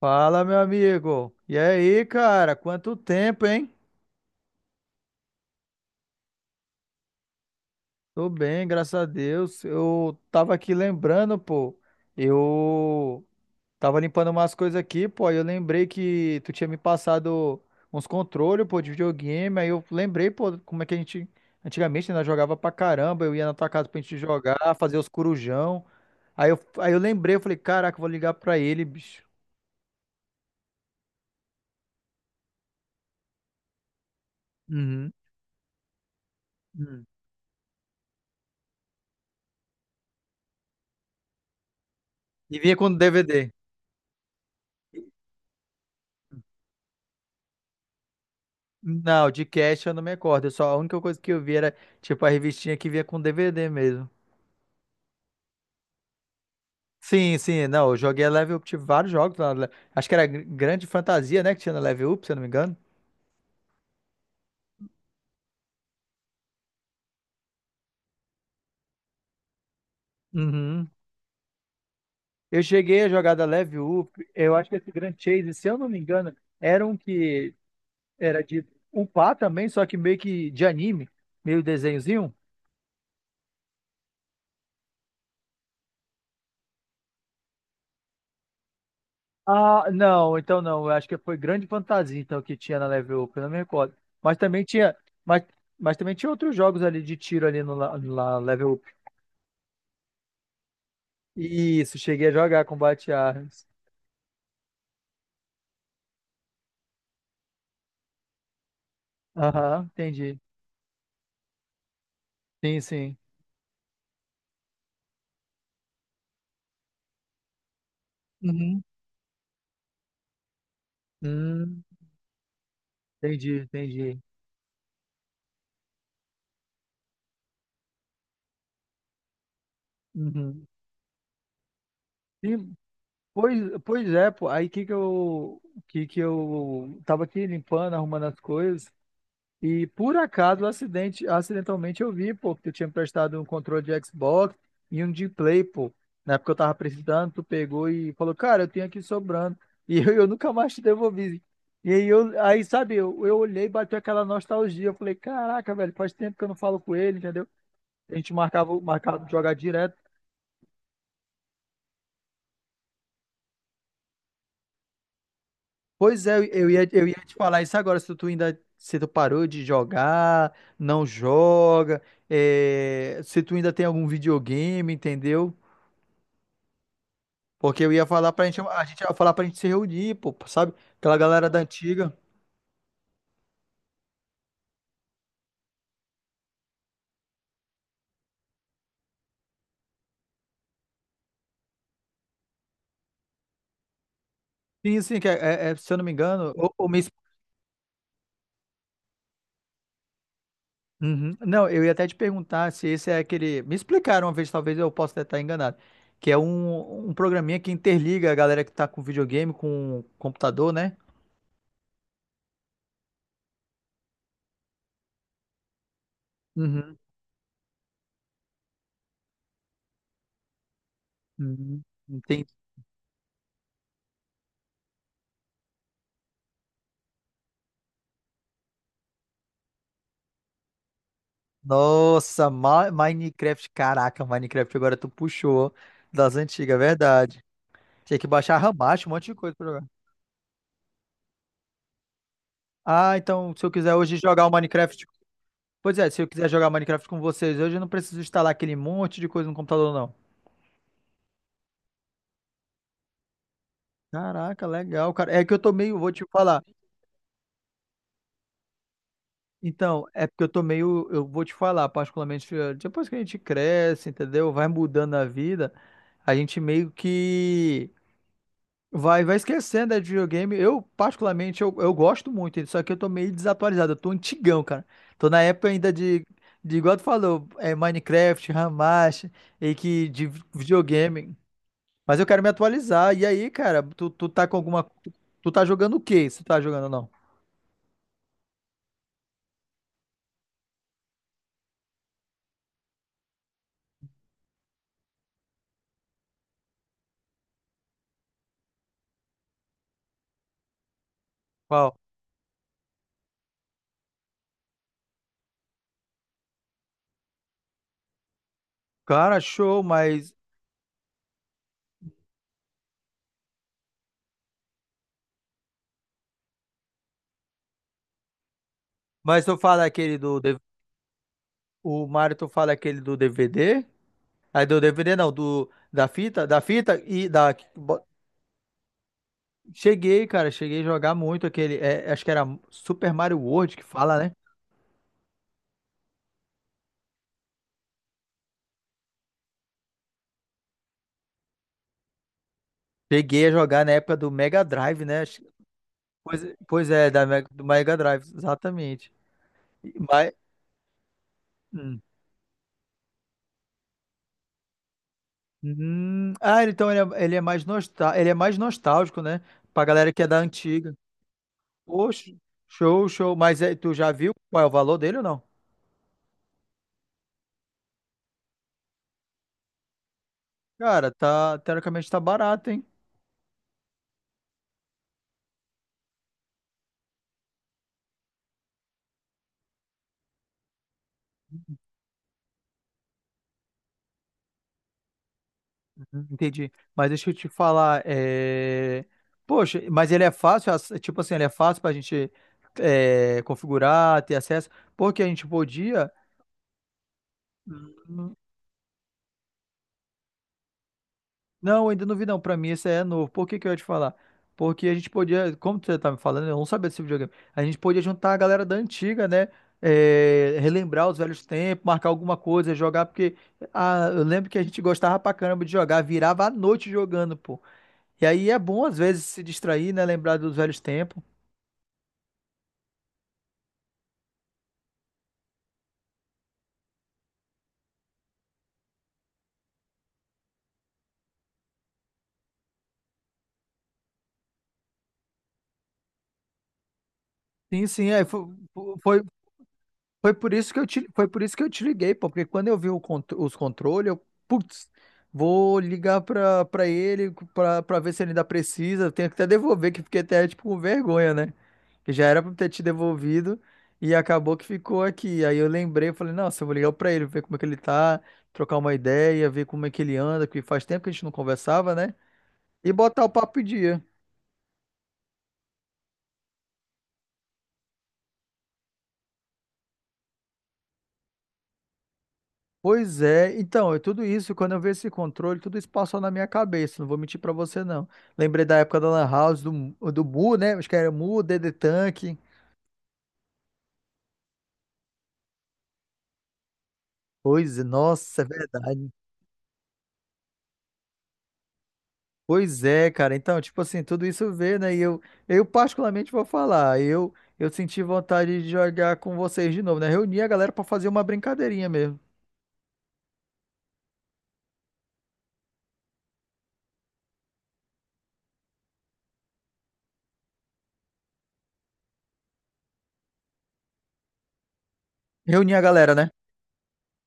Fala, meu amigo. E aí, cara? Quanto tempo, hein? Tô bem, graças a Deus. Eu tava aqui lembrando, pô. Eu tava limpando umas coisas aqui, pô. Aí eu lembrei que tu tinha me passado uns controles, pô, de videogame. Aí eu lembrei, pô, como é que a gente antigamente ainda jogava pra caramba. Eu ia na tua casa pra gente jogar, fazer os corujão. Aí eu lembrei, eu falei, caraca, eu vou ligar pra ele, bicho. Uhum. Uhum. E vinha com DVD. Não, de cast eu não me recordo. Eu Só a única coisa que eu vi era, tipo, a revistinha que vinha com DVD mesmo. Sim, sim, não, eu joguei a Level Up, tive vários jogos lá. Na Acho que era Grande Fantasia, né, que tinha na Level Up, se eu não me engano. Uhum. Eu cheguei a jogar da Level Up, eu acho que esse Grand Chase, se eu não me engano, era um que era de upar também, só que meio que de anime, meio desenhozinho. Ah, não, então não. Eu acho que foi Grande Fantasia então que tinha na Level Up, eu não me recordo. Mas também tinha, mas, mas também tinha outros jogos ali de tiro ali no, la- na Level Up. Isso, cheguei a jogar Combate Arms. Aham, entendi. Sim, sim. Uhum. Hum, entendi, entendi. Uhum. E, pois, Pois é, pô. Aí que que eu tava aqui limpando, arrumando as coisas. E por acidentalmente eu vi, pô, que tu tinha me prestado um controle de Xbox e um de Play, pô. Na época eu tava precisando, tu pegou e falou, cara, eu tenho aqui sobrando. E eu nunca mais te devolvi. E aí sabe, eu olhei e bateu aquela nostalgia. Eu falei, caraca, velho, faz tempo que eu não falo com ele, entendeu? A gente marcava de jogar direto. Pois é, eu ia te falar isso agora, se tu ainda, se tu parou de jogar, não joga, é, se tu ainda tem algum videogame, entendeu? Porque eu ia falar pra gente, a gente ia falar pra gente se reunir, pô, sabe? Aquela galera da antiga. Sim, sim, que é, é, se eu não me engano, ou me... Uhum. Não, eu ia até te perguntar se esse é aquele. Me explicaram uma vez, talvez eu possa até estar enganado. Que é um programinha que interliga a galera que tá com videogame com computador, né? Uhum. Uhum. Entendi. Nossa, Minecraft, caraca, Minecraft agora tu puxou das antigas, é verdade. Tinha que baixar Ramacho, um monte de coisa pra jogar. Ah, então se eu quiser hoje jogar o Minecraft. Pois é, se eu quiser jogar Minecraft com vocês hoje, eu não preciso instalar aquele monte de coisa no computador, não. Caraca, legal, cara. É que eu tô meio, vou te falar. Então, é porque eu tô meio, eu vou te falar, particularmente, depois que a gente cresce, entendeu? Vai mudando a vida, a gente meio que vai esquecendo né, de videogame. Eu, particularmente, eu gosto muito, só que eu tô meio desatualizado, eu tô antigão, cara. Tô na época ainda de igual tu falou, é Minecraft, Hamashi, e que de videogame. Mas eu quero me atualizar. E aí, cara, tu tá com alguma. Tu, tu tá jogando o quê? Se tu tá jogando ou não? Qual? Cara, show, mas. Mas tu fala aquele do. D- V O Mario, tu fala aquele do DVD? Aí do DVD não, do. Da fita? Da fita e da. Cheguei, cara, cheguei a jogar muito aquele. Acho que era Super Mario World que fala, né? Cheguei a jogar na época do Mega Drive, né? Pois, Pois é, do Mega Drive, exatamente. Mas. Hum. Ah, então ele é, ele é mais nostálgico, né? Pra galera que é da antiga. Poxa, show, show. Mas é, tu já viu qual é o valor dele ou não? Cara, tá, teoricamente tá barato, hein? Uhum, entendi. Mas deixa eu te falar, é... Poxa, mas ele é fácil, tipo assim, ele é fácil pra gente é, configurar, ter acesso, porque a gente podia... Não, ainda não vi não. Pra mim esse é novo. Por que que eu ia te falar? Porque a gente podia, como você tá me falando, eu não sabia desse videogame. A gente podia juntar a galera da antiga, né? É, relembrar os velhos tempos, marcar alguma coisa, jogar, porque ah, eu lembro que a gente gostava pra caramba de jogar, virava a noite jogando, pô. E aí é bom às vezes se distrair, né? Lembrar dos velhos tempos. Sim, sim, foi, foi por isso foi por isso que eu te liguei, pô, porque quando eu vi os controles, eu, putz, vou ligar pra ele pra ver se ele ainda precisa. Eu tenho que até devolver, que fiquei até tipo com vergonha, né? Que já era pra eu ter te devolvido e acabou que ficou aqui. Aí eu lembrei, falei, nossa, eu vou ligar pra ele, ver como é que ele tá, trocar uma ideia, ver como é que ele anda, que faz tempo que a gente não conversava, né? E botar o papo em dia. Pois é, então, é tudo isso, quando eu vi esse controle, tudo isso passou na minha cabeça, não vou mentir pra você não. Lembrei da época da Lan House, do Mu, né? Acho que era Mu, DD Tank. Pois é, nossa, é verdade. Pois é, cara. Então, tipo assim, tudo isso vê, né? E eu particularmente vou falar, eu senti vontade de jogar com vocês de novo, né? Reunir a galera pra fazer uma brincadeirinha mesmo. Reunir a galera, né?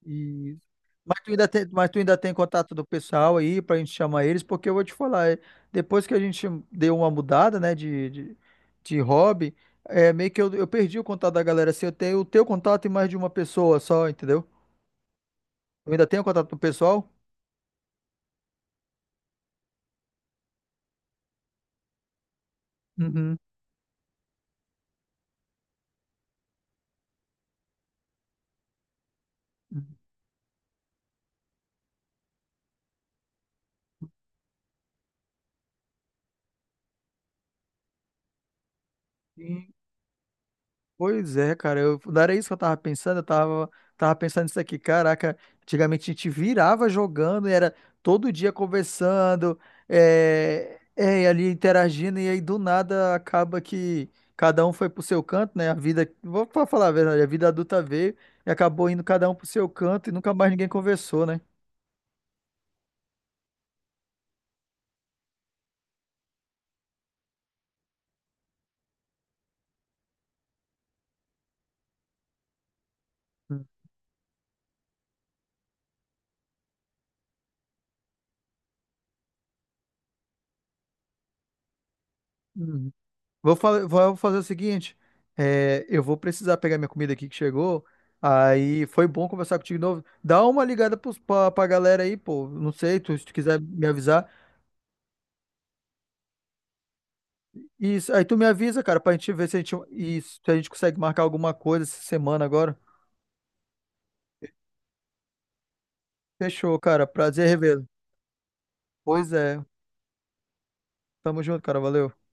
E... Mas tu ainda tem, mas tu ainda tem contato do pessoal aí pra gente chamar eles, porque eu vou te falar, é, depois que a gente deu uma mudada, né, de hobby, é meio que eu perdi o contato da galera, assim, eu tenho o teu contato e mais de uma pessoa só, entendeu? Eu ainda tenho contato do pessoal? Uhum. Sim, pois é, não era isso que eu tava pensando, tava pensando isso aqui, caraca, antigamente a gente virava jogando e era todo dia conversando, e ali interagindo, e aí do nada acaba que cada um foi pro seu canto, né, a vida, vou falar a verdade, a vida adulta veio e acabou indo cada um pro seu canto e nunca mais ninguém conversou, né? Uhum. Vou fazer o seguinte, é, eu vou precisar pegar minha comida aqui que chegou. Aí foi bom conversar contigo de novo. Dá uma ligada pra galera aí, pô. Não sei, se tu quiser me avisar. Isso, aí tu me avisa, cara, pra gente ver se a gente consegue marcar alguma coisa essa semana agora. Fechou, cara. Prazer revê-lo. Pois é. Tamo junto, cara. Valeu.